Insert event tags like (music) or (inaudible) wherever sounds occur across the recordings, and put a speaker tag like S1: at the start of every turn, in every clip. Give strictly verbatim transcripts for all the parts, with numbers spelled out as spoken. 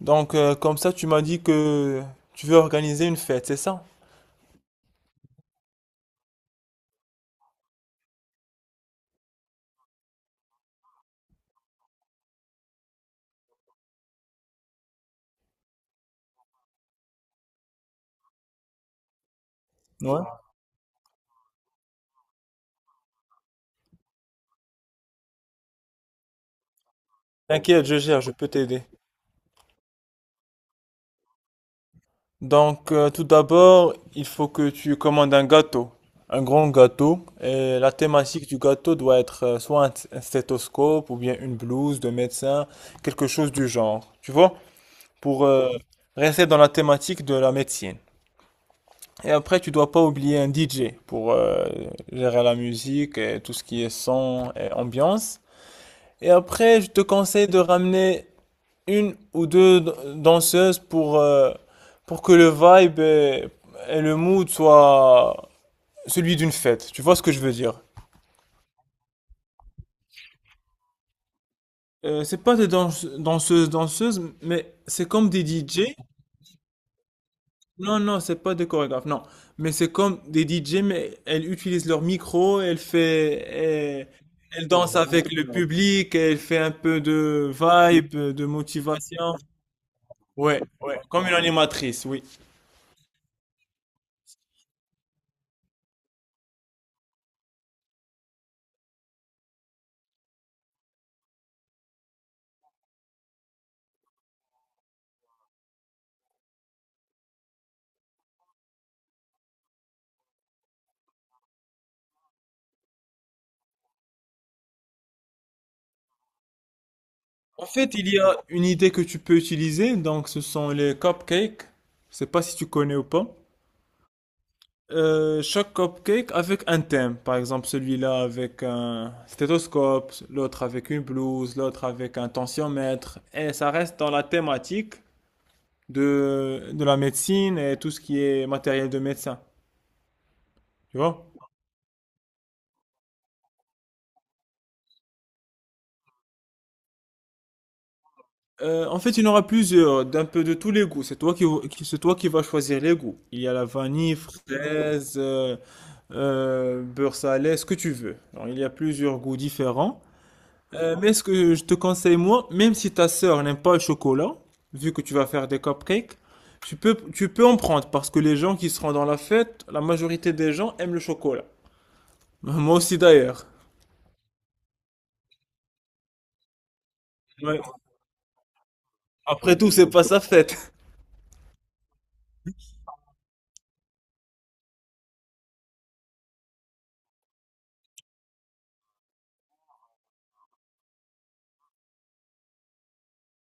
S1: Donc, euh, comme ça, tu m'as dit que tu veux organiser une fête, c'est ça? Ouais. T'inquiète, je gère, je peux t'aider. Donc, euh, tout d'abord, il faut que tu commandes un gâteau, un grand gâteau, et la thématique du gâteau doit être euh, soit un, st- un stéthoscope ou bien une blouse de médecin, quelque chose du genre, tu vois, pour euh, rester dans la thématique de la médecine. Et après, tu dois pas oublier un D J pour euh, gérer la musique et tout ce qui est son et ambiance. Et après, je te conseille de ramener une ou deux danseuses pour, euh, pour que le vibe et, et le mood soient celui d'une fête. Tu vois ce que je veux dire? Euh, c'est pas des danse- danseuses, danseuses, mais c'est comme des D J. Non, non, c'est pas des chorégraphes, non. Mais c'est comme des D J, mais elles utilisent leur micro, elles fait, elles, elles dansent avec le public, elles fait un peu de vibe, de motivation. Ouais, ouais, comme une animatrice, oui. En fait, il y a une idée que tu peux utiliser, donc ce sont les cupcakes. Je sais pas si tu connais ou pas. Euh, chaque cupcake avec un thème. Par exemple, celui-là avec un stéthoscope, l'autre avec une blouse, l'autre avec un tensiomètre. Et ça reste dans la thématique de, de la médecine et tout ce qui est matériel de médecin. Tu vois? Euh, en fait, il y en aura plusieurs, d'un peu de tous les goûts. C'est toi qui, qui- c'est toi qui vas choisir les goûts. Il y a la vanille, fraise, euh, euh, beurre salé, ce que tu veux. Alors, il y a plusieurs goûts différents. Euh, mais ce que je te conseille, moi, même si ta sœur n'aime pas le chocolat, vu que tu vas faire des cupcakes, tu peux, tu peux en prendre parce que les gens qui seront dans la fête, la majorité des gens aiment le chocolat. (laughs) Moi aussi d'ailleurs. Ouais. Après tout, c'est pas sa fête. (laughs)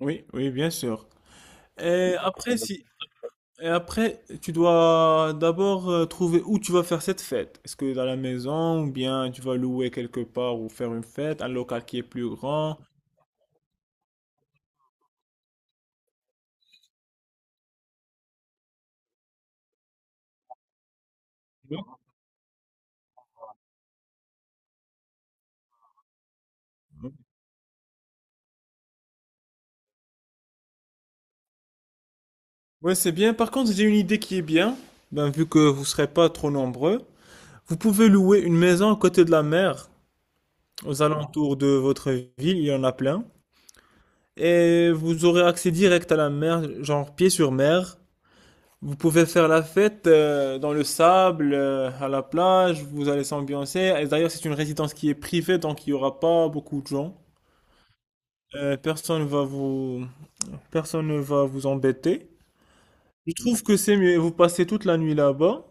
S1: Oui, oui, bien sûr. Et après, si, Et après, tu dois d'abord euh, trouver où tu vas faire cette fête. Est-ce que dans la maison ou bien tu vas louer quelque part ou faire une fête, un local qui est plus grand. Ouais, c'est bien. Par contre, j'ai une idée qui est bien. Ben, vu que vous serez pas trop nombreux, vous pouvez louer une maison à côté de la mer, aux alentours de votre ville, il y en a plein. Et vous aurez accès direct à la mer, genre pied sur mer. Vous pouvez faire la fête euh, dans le sable, euh, à la plage, vous allez s'ambiancer. Et d'ailleurs, c'est une résidence qui est privée, donc il n'y aura pas beaucoup de gens. Euh, personne va vous... personne ne va vous embêter. Je trouve que c'est mieux. Vous passez toute la nuit là-bas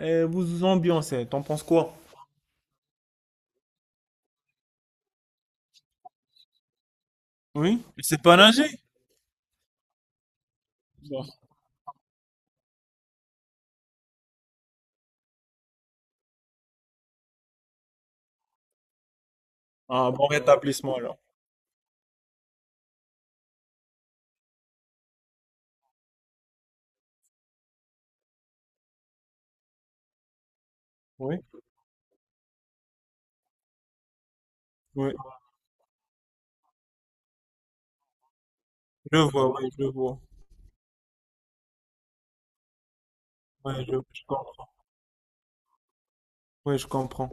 S1: et vous vous ambiancez. T'en penses quoi? Oui? C'est pas nager? Ah, bon rétablissement alors. Oui? Oui. Je vois, oui, je vois. Oui, je, je comprends. Oui, je comprends.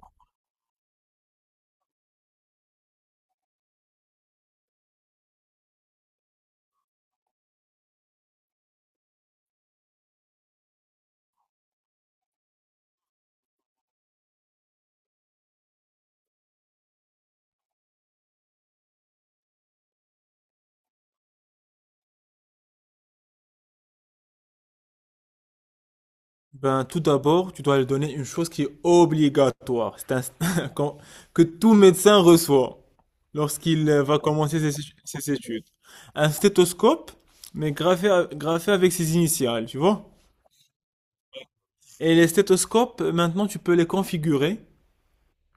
S1: Ben, tout d'abord, tu dois lui donner une chose qui est obligatoire, c'est un- (laughs) qu'on- que tout médecin reçoit lorsqu'il euh, va commencer ses, étu- ses études. Un stéthoscope, mais gravé, à- gravé avec ses initiales, tu vois? Et les stéthoscopes, euh, maintenant, tu peux les configurer.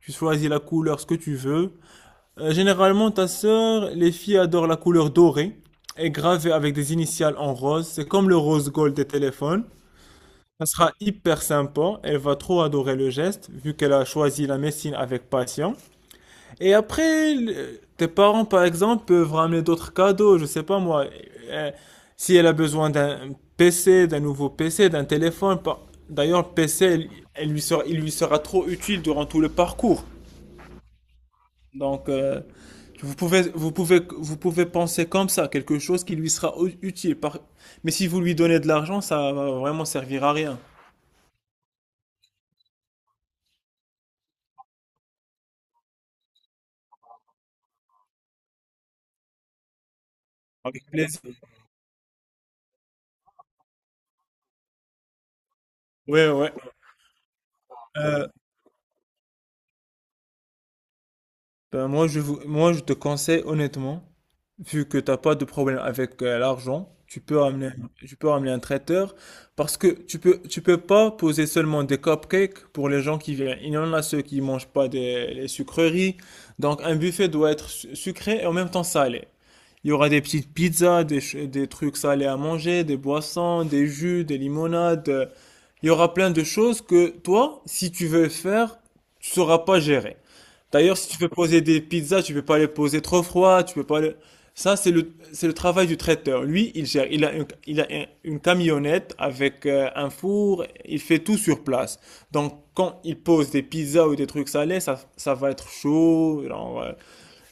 S1: Tu choisis la couleur, ce que tu veux. Euh, généralement, ta sœur, les filles adorent la couleur dorée et gravée avec des initiales en rose. C'est comme le rose gold des téléphones. Ça sera hyper sympa. Elle va trop adorer le geste, vu qu'elle a choisi la médecine avec passion. Et après, le- tes parents, par exemple, peuvent ramener d'autres cadeaux. Je sais pas moi. euh, si elle a besoin d'un P C, d'un nouveau P C, d'un téléphone. par- D'ailleurs, le P C, elle- elle lui sera, il lui sera trop utile durant tout le parcours. Donc, euh, vous pouvez, vous pouvez, vous pouvez penser comme ça, quelque chose qui lui sera u- utile. Par- Mais si vous lui donnez de l'argent, ça va vraiment servir à rien. Plaisir. Ouais, ouais. Euh, ben moi, je vous, moi, je te conseille honnêtement, vu que tu n'as pas de problème avec euh, l'argent, tu peux ramener, tu peux ramener un traiteur parce que tu peux, tu peux pas poser seulement des cupcakes pour les gens qui viennent. Il y en a ceux qui mangent pas des, les sucreries. Donc, un buffet doit être su- sucré et en même temps salé. Il y aura des petites pizzas, des, ch- des trucs salés à manger, des boissons, des jus, des limonades. euh, Il y aura plein de choses que toi, si tu veux faire, tu sauras pas gérer. D'ailleurs, si tu veux poser des pizzas, tu peux pas les poser trop froid, tu peux pas les... Ça, c'est le, c'est le travail du traiteur. Lui, il gère, il a, un- il a un- une camionnette avec euh, un four, il fait tout sur place. Donc, quand il pose des pizzas ou des trucs salés, ça, ça va être chaud, genre, euh,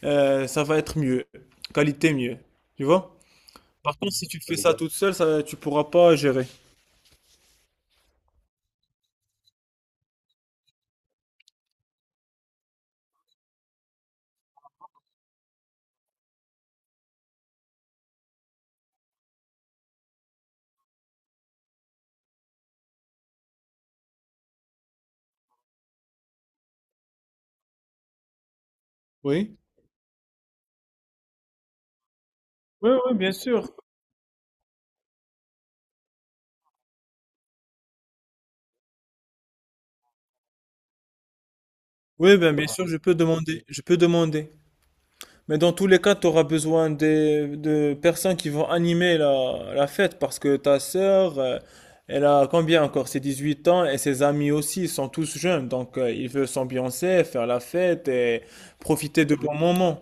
S1: euh, ça va être mieux, qualité mieux. Tu vois? Parce que tu fais ça toute seule, ça, tu pourras pas gérer. Oui? Oui, oui, bien sûr. Oui, ben, bien sûr, je peux demander, je peux demander. Mais dans tous les cas, tu auras besoin de, de personnes qui vont animer la, la fête parce que ta sœur, euh, elle a combien encore? C'est dix-huit ans et ses amis aussi, ils sont tous jeunes. Donc, euh, il veut s'ambiancer, faire la fête et profiter de bons moments.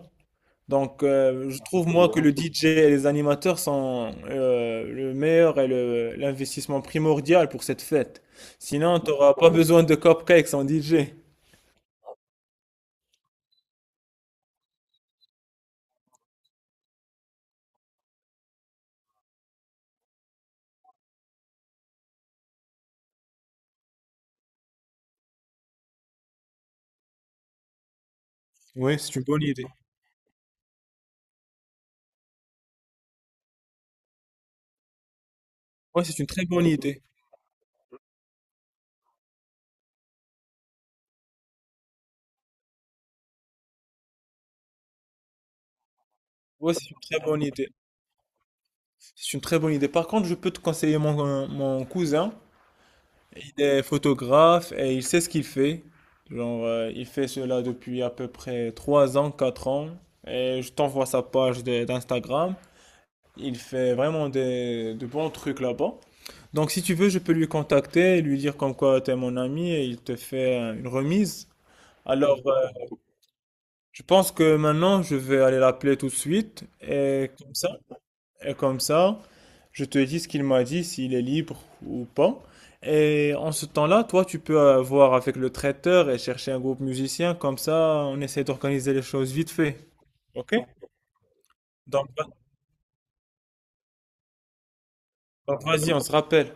S1: Donc, euh, je trouve moi que le D J et les animateurs sont euh, le meilleur et le- l'investissement primordial pour cette fête. Sinon, tu n'auras pas besoin de cupcakes en D J. Oui, c'est une bonne idée. Oui, c'est une très bonne idée. Ouais, c'est une très bonne idée. C'est une très bonne idée. Par contre, je peux te conseiller mon, mon cousin. Il est photographe et il sait ce qu'il fait. Genre, euh, il fait cela depuis à peu près trois ans, quatre ans. Et je t'envoie sa page de- d'Instagram. Il fait vraiment des, de bons trucs là-bas. Donc, si tu veux, je peux lui contacter et lui dire comme quoi t'es mon ami et il te fait euh, une remise. Alors, euh, je pense que maintenant, je vais aller l'appeler tout de suite. Et comme ça, Et comme ça, je te dis ce qu'il m'a dit, s'il est libre ou pas. Et en ce temps-là, toi, tu peux euh, voir avec le traiteur et chercher un groupe musicien. Comme ça, on essaie d'organiser les choses vite fait. OK? Donc, va- donc vas-y, on se rappelle.